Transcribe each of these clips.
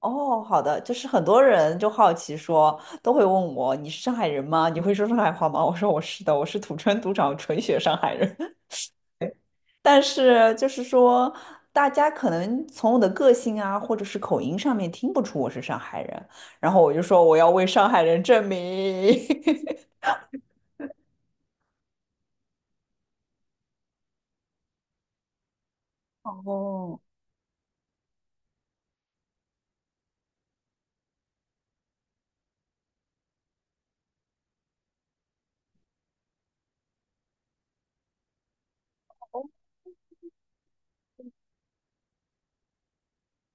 哦，好的，就是很多人就好奇说，都会问我你是上海人吗？你会说上海话吗？我说我是的，我是土生土长纯血上海人。但是就是说，大家可能从我的个性啊，或者是口音上面听不出我是上海人，然后我就说我要为上海人证明。哦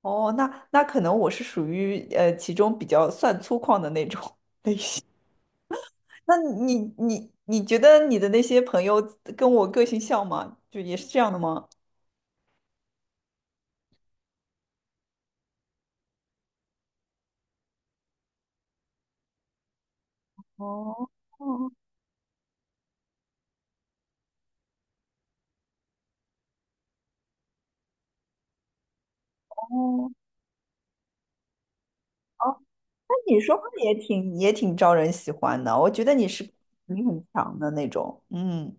哦，那那可能我是属于其中比较算粗犷的那种。那你觉得你的那些朋友跟我个性像吗？就也是这样的吗？哦哦哦，哦，那你说话也挺招人喜欢的，我觉得你是你很强的那种，嗯，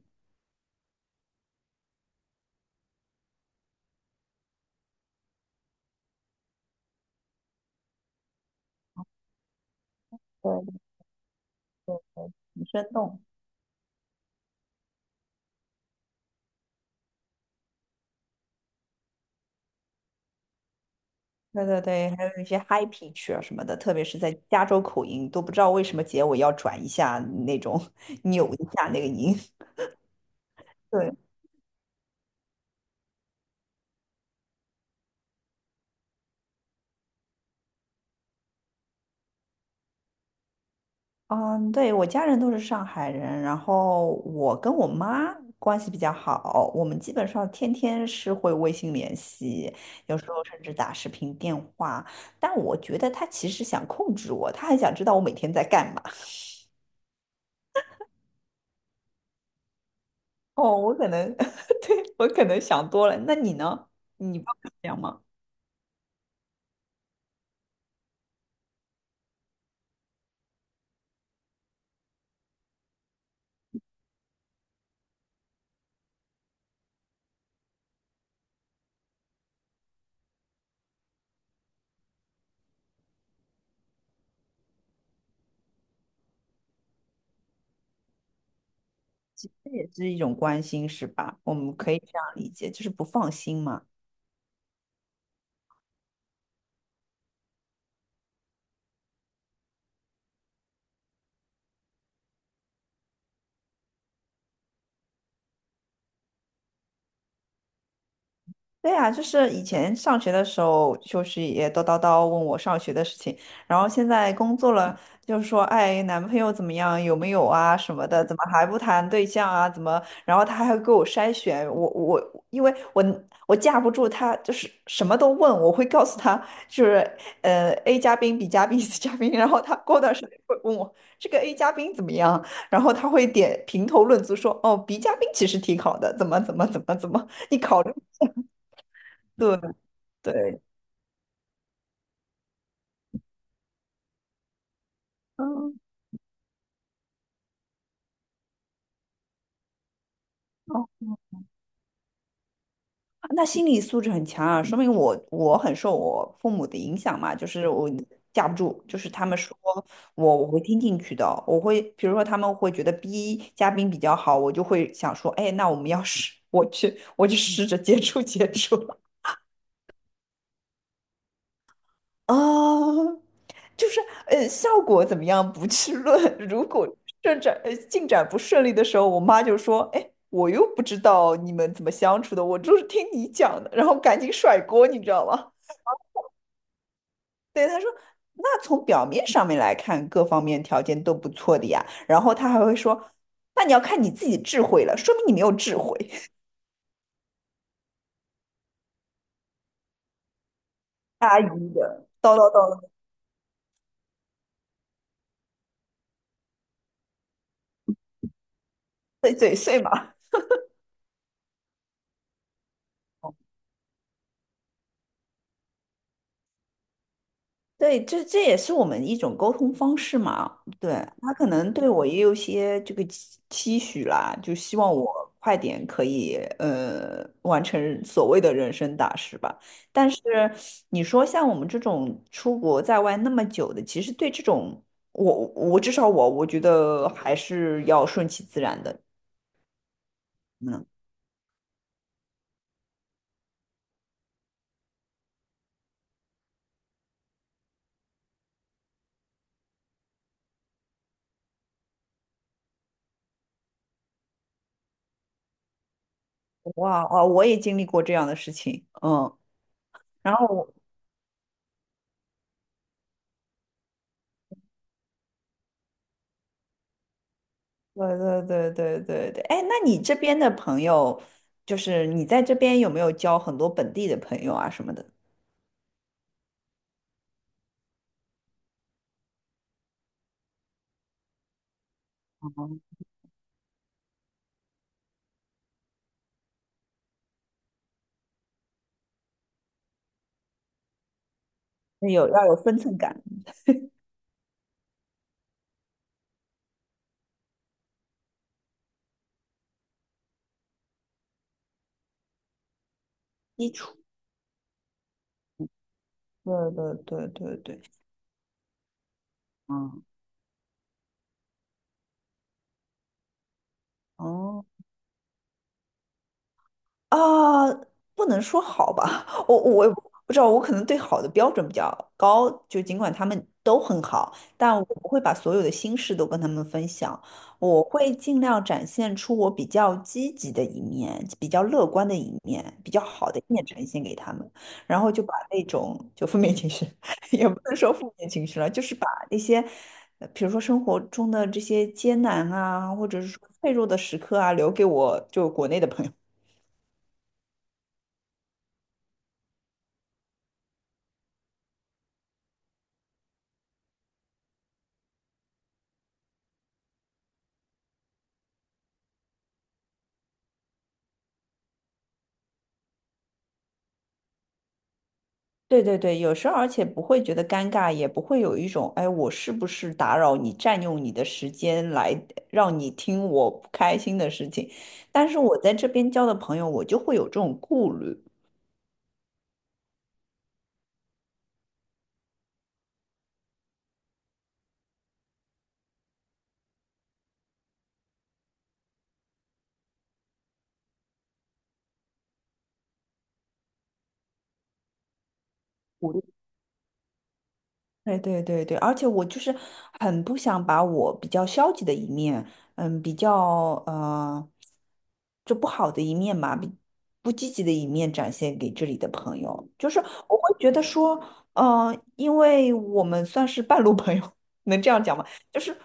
对对对对，很生动，对对对，还有一些 h i g p i c h 啊什么的，特别是在加州口音，都不知道为什么结尾要转一下那种，扭一下那个音，对，嗯，对，我家人都是上海人，然后我跟我妈关系比较好，我们基本上天天是会微信联系，有时候甚至打视频电话。但我觉得他其实想控制我，他还想知道我每天在干嘛。哦，我可能，对，我可能想多了。那你呢？你不会这样吗？这也是一种关心，是吧？我们可以这样理解，就是不放心嘛。对呀，就是以前上学的时候，就是也叨叨叨问我上学的事情，然后现在工作了，就是说，哎，男朋友怎么样，有没有啊什么的，怎么还不谈对象啊？怎么？然后他还会给我筛选，我因为我架不住他，就是什么都问，我会告诉他，就是A 加宾、B 加宾、C 嘉宾，然后他过段时间会问我这个 A 加宾怎么样，然后他会点评头论足说，哦，B 加宾其实挺好的，怎么怎么怎么怎么，你考虑。对，对，嗯，哦，那心理素质很强啊，说明我很受我父母的影响嘛，就是我架不住，就是他们说我会听进去的，我会比如说他们会觉得 B 嘉宾比较好，我就会想说，哎，那我们要是我去我就试着接触接触啊，就是呃，效果怎么样不去论。如果进展不顺利的时候，我妈就说：“哎，我又不知道你们怎么相处的，我就是听你讲的。”然后赶紧甩锅，你知道吗？对，她说。那从表面上面来看，各方面条件都不错的呀。然后她还会说：“那你要看你自己智慧了，说明你没有智慧。”阿姨的叨叨叨，碎嘴碎嘛。对，这这也是我们一种沟通方式嘛。对，他可能对我也有些这个期许啦，就希望我快点可以完成所谓的人生大事吧。但是你说像我们这种出国在外那么久的，其实对这种我至少我觉得还是要顺其自然的。嗯，哇哦，我也经历过这样的事情。嗯。然后对对对对对对，哎，那你这边的朋友，就是你在这边有没有交很多本地的朋友啊什么的？哦，那有要有分寸感基础。对对对对对，嗯。哦。啊，不能说好吧，我也不知道，我可能对好的标准比较高，就尽管他们都很好，但我不会把所有的心事都跟他们分享，我会尽量展现出我比较积极的一面，比较乐观的一面，比较好的一面呈现给他们，然后就把那种就负面情绪，也不能说负面情绪了，就是把那些。比如说生活中的这些艰难啊，或者是说脆弱的时刻啊，留给我就国内的朋友。对对对，有时候而且不会觉得尴尬，也不会有一种，哎，我是不是打扰你，占用你的时间来让你听我不开心的事情。但是我在这边交的朋友，我就会有这种顾虑。对对对对，而且我就是很不想把我比较消极的一面，嗯，比较呃，就不好的一面嘛，比不积极的一面展现给这里的朋友。就是我会觉得说，嗯、因为我们算是半路朋友，能这样讲吗？就是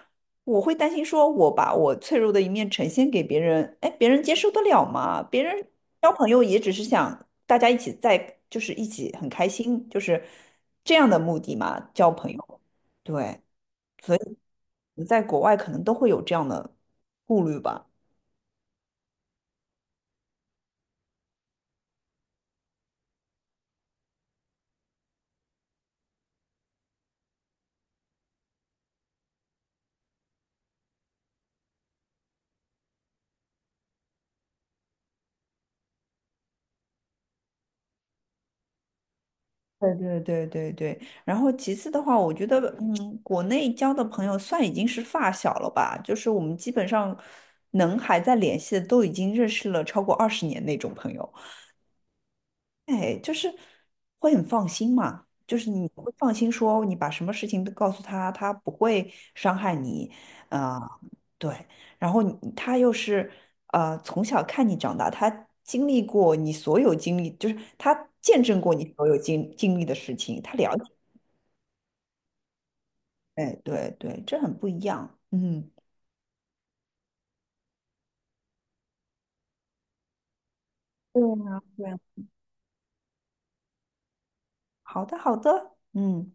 我会担心说，我把我脆弱的一面呈现给别人，哎，别人接受得了吗？别人。交朋友也只是想大家一起在，就是一起很开心，就是这样的目的嘛，交朋友。对，所以你在国外可能都会有这样的顾虑吧。对对对对对，然后其次的话，我觉得，嗯，国内交的朋友算已经是发小了吧，就是我们基本上能还在联系的，都已经认识了超过20年那种朋友。哎，就是会很放心嘛，就是你会放心说你把什么事情都告诉他，他不会伤害你，啊、对。然后你他又是从小看你长大，他经历过你所有经历，就是他见证过你所有经历的事情，他了解。哎，对对，这很不一样。嗯，对啊，对啊，好的好的，嗯。